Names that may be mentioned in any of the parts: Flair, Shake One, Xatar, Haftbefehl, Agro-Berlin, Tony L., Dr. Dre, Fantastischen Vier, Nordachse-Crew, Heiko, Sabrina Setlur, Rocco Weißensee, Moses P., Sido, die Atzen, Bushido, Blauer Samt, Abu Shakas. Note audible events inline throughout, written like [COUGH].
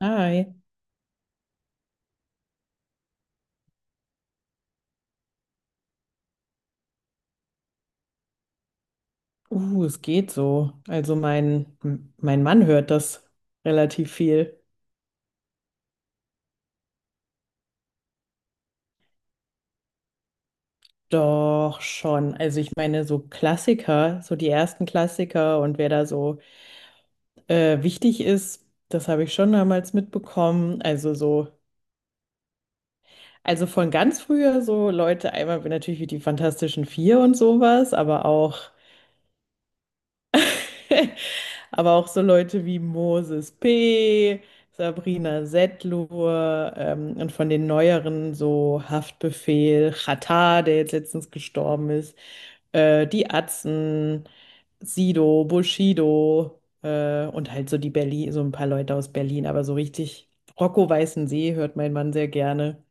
Hi. Es geht so. Also mein, m- mein Mann hört das relativ viel. Doch schon. Also ich meine, so Klassiker, so die ersten Klassiker und wer da so wichtig ist, das habe ich schon damals mitbekommen. Also so, also von ganz früher so Leute, einmal natürlich wie die Fantastischen Vier und sowas, aber auch. Aber auch so Leute wie Moses P., Sabrina Setlur und von den neueren so Haftbefehl, Xatar, der jetzt letztens gestorben ist, die Atzen, Sido, Bushido und halt so die Berlin, so ein paar Leute aus Berlin, aber so richtig Rocco Weißensee hört mein Mann sehr gerne.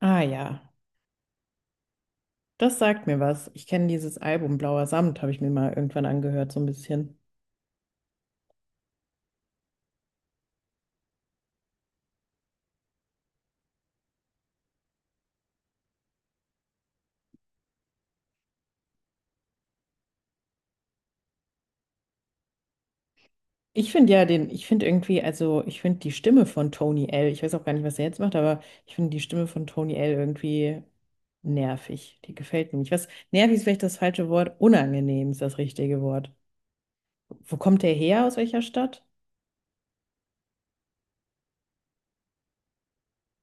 Ah ja, das sagt mir was. Ich kenne dieses Album Blauer Samt, habe ich mir mal irgendwann angehört, so ein bisschen. Ich finde ja den, ich finde irgendwie, also ich finde die Stimme von Tony L., ich weiß auch gar nicht, was er jetzt macht, aber ich finde die Stimme von Tony L. irgendwie nervig. Die gefällt mir nicht. Was, nervig ist vielleicht das falsche Wort, unangenehm ist das richtige Wort. Wo kommt der her? Aus welcher Stadt?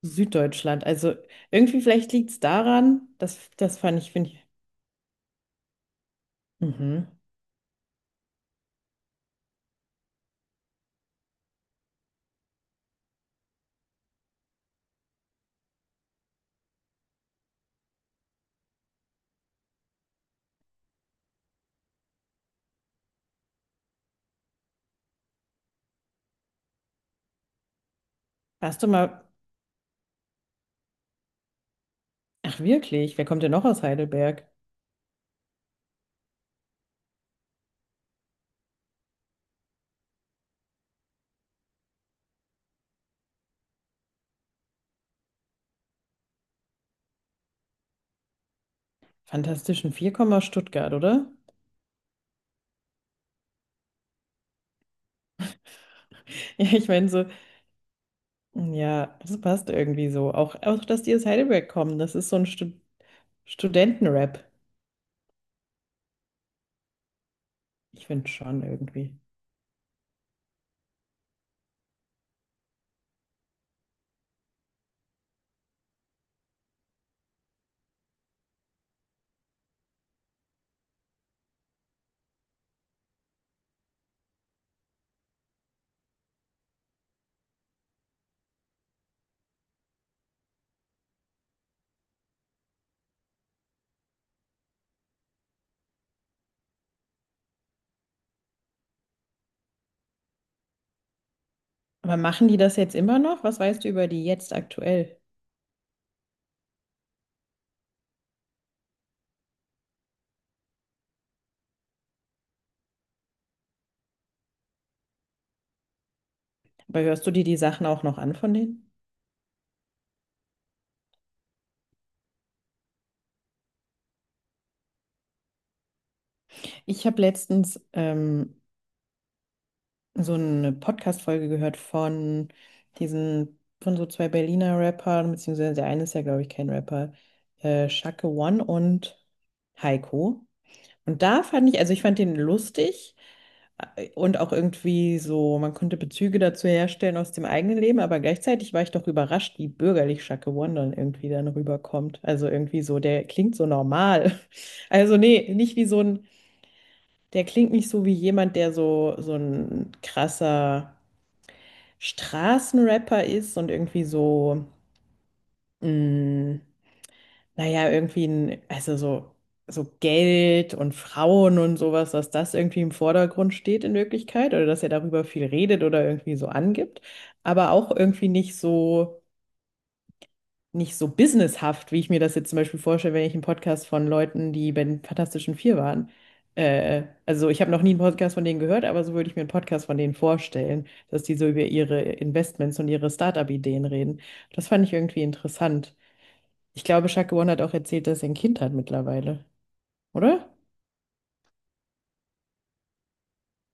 Süddeutschland. Also irgendwie vielleicht liegt es daran, das, das fand ich, finde ich. Mhm. Warst du mal, ach wirklich, wer kommt denn noch aus Heidelberg? Fantastischen Vier, Komma Stuttgart, oder? [LAUGHS] Ja, ich meine so, ja, das passt irgendwie so. Auch, auch, dass die aus Heidelberg kommen, das ist so ein Stu Studentenrap. Ich finde schon irgendwie. Aber machen die das jetzt immer noch? Was weißt du über die jetzt aktuell? Aber hörst du dir die Sachen auch noch an von denen? Ich habe letztens so eine Podcast-Folge gehört von diesen, von so zwei Berliner Rappern, beziehungsweise der eine ist ja, glaube ich, kein Rapper, Shake One und Heiko. Und da fand ich, also ich fand den lustig. Und auch irgendwie so, man konnte Bezüge dazu herstellen aus dem eigenen Leben, aber gleichzeitig war ich doch überrascht, wie bürgerlich Shaka One dann irgendwie dann rüberkommt. Also irgendwie so, der klingt so normal. [LAUGHS] Also nee, nicht wie so ein, der klingt nicht so wie jemand, der so, so ein krasser Straßenrapper ist und irgendwie so, mh, naja, irgendwie ein, also so, so Geld und Frauen und sowas, dass das irgendwie im Vordergrund steht in Wirklichkeit oder dass er darüber viel redet oder irgendwie so angibt, aber auch irgendwie nicht so, nicht so businesshaft, wie ich mir das jetzt zum Beispiel vorstelle, wenn ich einen Podcast von Leuten, die bei den Fantastischen Vier waren. Also ich habe noch nie einen Podcast von denen gehört, aber so würde ich mir einen Podcast von denen vorstellen, dass die so über ihre Investments und ihre Startup-Ideen reden. Das fand ich irgendwie interessant. Ich glaube, Shaq One hat auch erzählt, dass er ein Kind hat mittlerweile, oder?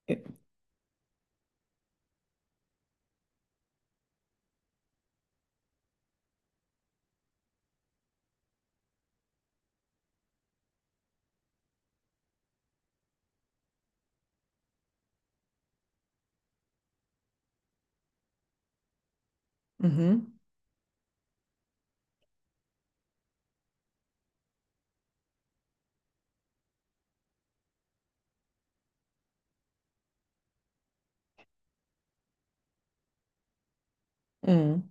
Ja. Mhm. Mhm.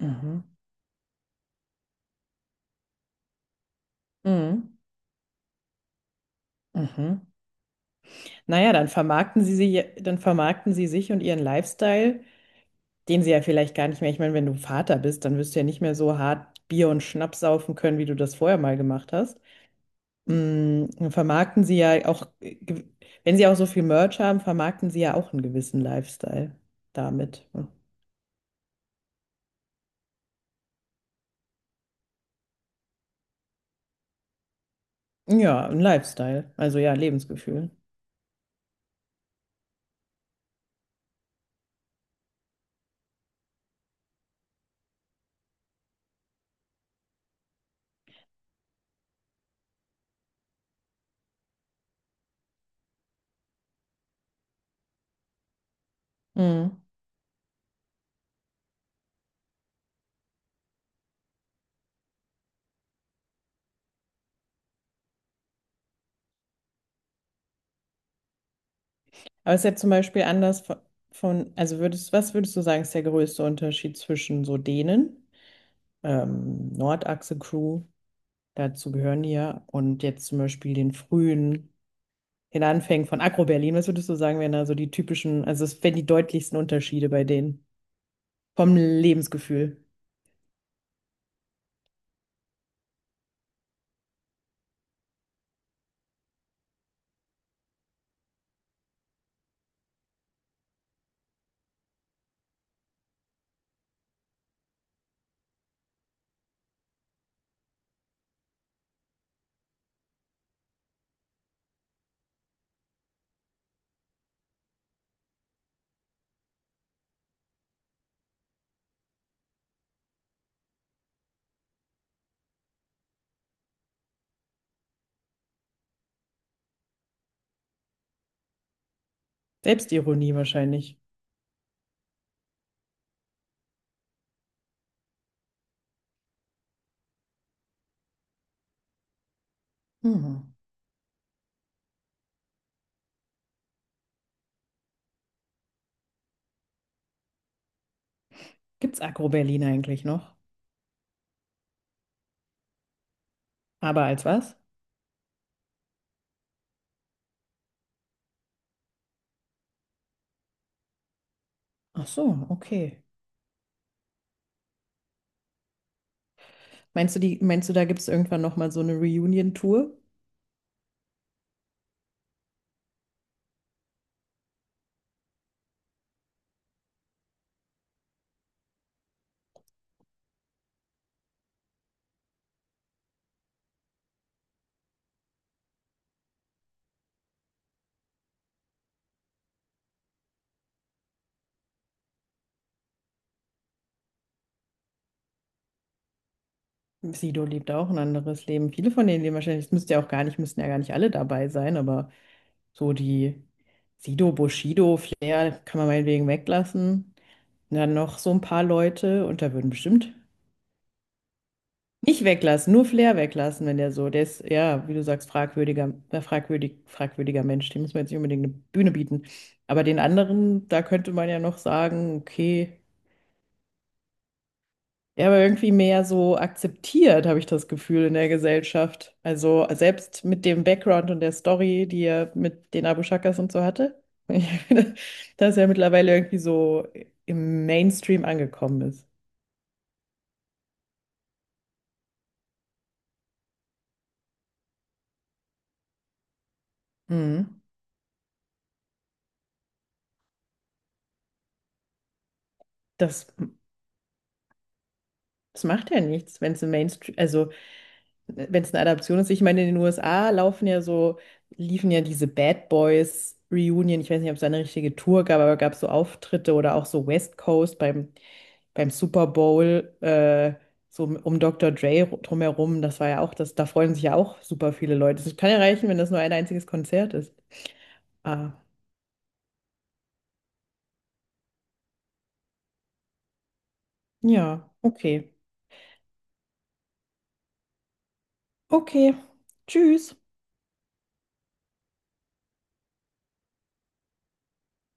Mhm. Mhm. Mhm. Naja, dann vermarkten sie sie, dann vermarkten sie sich und ihren Lifestyle, den sie ja vielleicht gar nicht mehr. Ich meine, wenn du Vater bist, dann wirst du ja nicht mehr so hart Bier und Schnaps saufen können, wie du das vorher mal gemacht hast. Mhm. Dann vermarkten sie ja auch, wenn sie auch so viel Merch haben, vermarkten sie ja auch einen gewissen Lifestyle damit. Ja, ein Lifestyle. Also ja, Lebensgefühl. Aber es ist ja zum Beispiel anders von, also würdest, was würdest du sagen, ist der größte Unterschied zwischen so denen, Nordachse-Crew, dazu gehören die ja, und jetzt zum Beispiel den frühen, den Anfängen von Agro-Berlin, was würdest du sagen, wären da so die typischen, also es wären die deutlichsten Unterschiede bei denen vom Lebensgefühl? Selbstironie wahrscheinlich. Hm. Gibt's Agro-Berlin eigentlich noch? Aber als was? Ach so, okay. Meinst du, die, meinst du, da gibt es irgendwann nochmal so eine Reunion-Tour? Sido lebt auch ein anderes Leben. Viele von denen leben wahrscheinlich, es müsste ja auch gar nicht, müssten ja gar nicht alle dabei sein, aber so die Sido, Bushido, Flair kann man meinetwegen weglassen. Und dann noch so ein paar Leute und da würden bestimmt nicht weglassen, nur Flair weglassen, wenn der so, der ist, ja, wie du sagst, fragwürdiger, fragwürdiger Mensch, dem muss man jetzt nicht unbedingt eine Bühne bieten. Aber den anderen, da könnte man ja noch sagen, okay. Ja, aber irgendwie mehr so akzeptiert, habe ich das Gefühl, in der Gesellschaft. Also selbst mit dem Background und der Story, die er mit den Abu Shakas und so hatte, [LAUGHS] dass er mittlerweile irgendwie so im Mainstream angekommen ist. Mhm. Das, das macht ja nichts, wenn es im Mainstream, also wenn es eine Adaption ist. Ich meine, in den USA laufen ja so, liefen ja diese Bad Boys Reunion. Ich weiß nicht, ob es da eine richtige Tour gab, aber gab es so Auftritte oder auch so West Coast beim, beim Super Bowl, so um Dr. Dre drumherum. Das war ja auch, das, da freuen sich ja auch super viele Leute. Es kann ja reichen, wenn das nur ein einziges Konzert ist. Ah, ja, okay. Okay. Tschüss.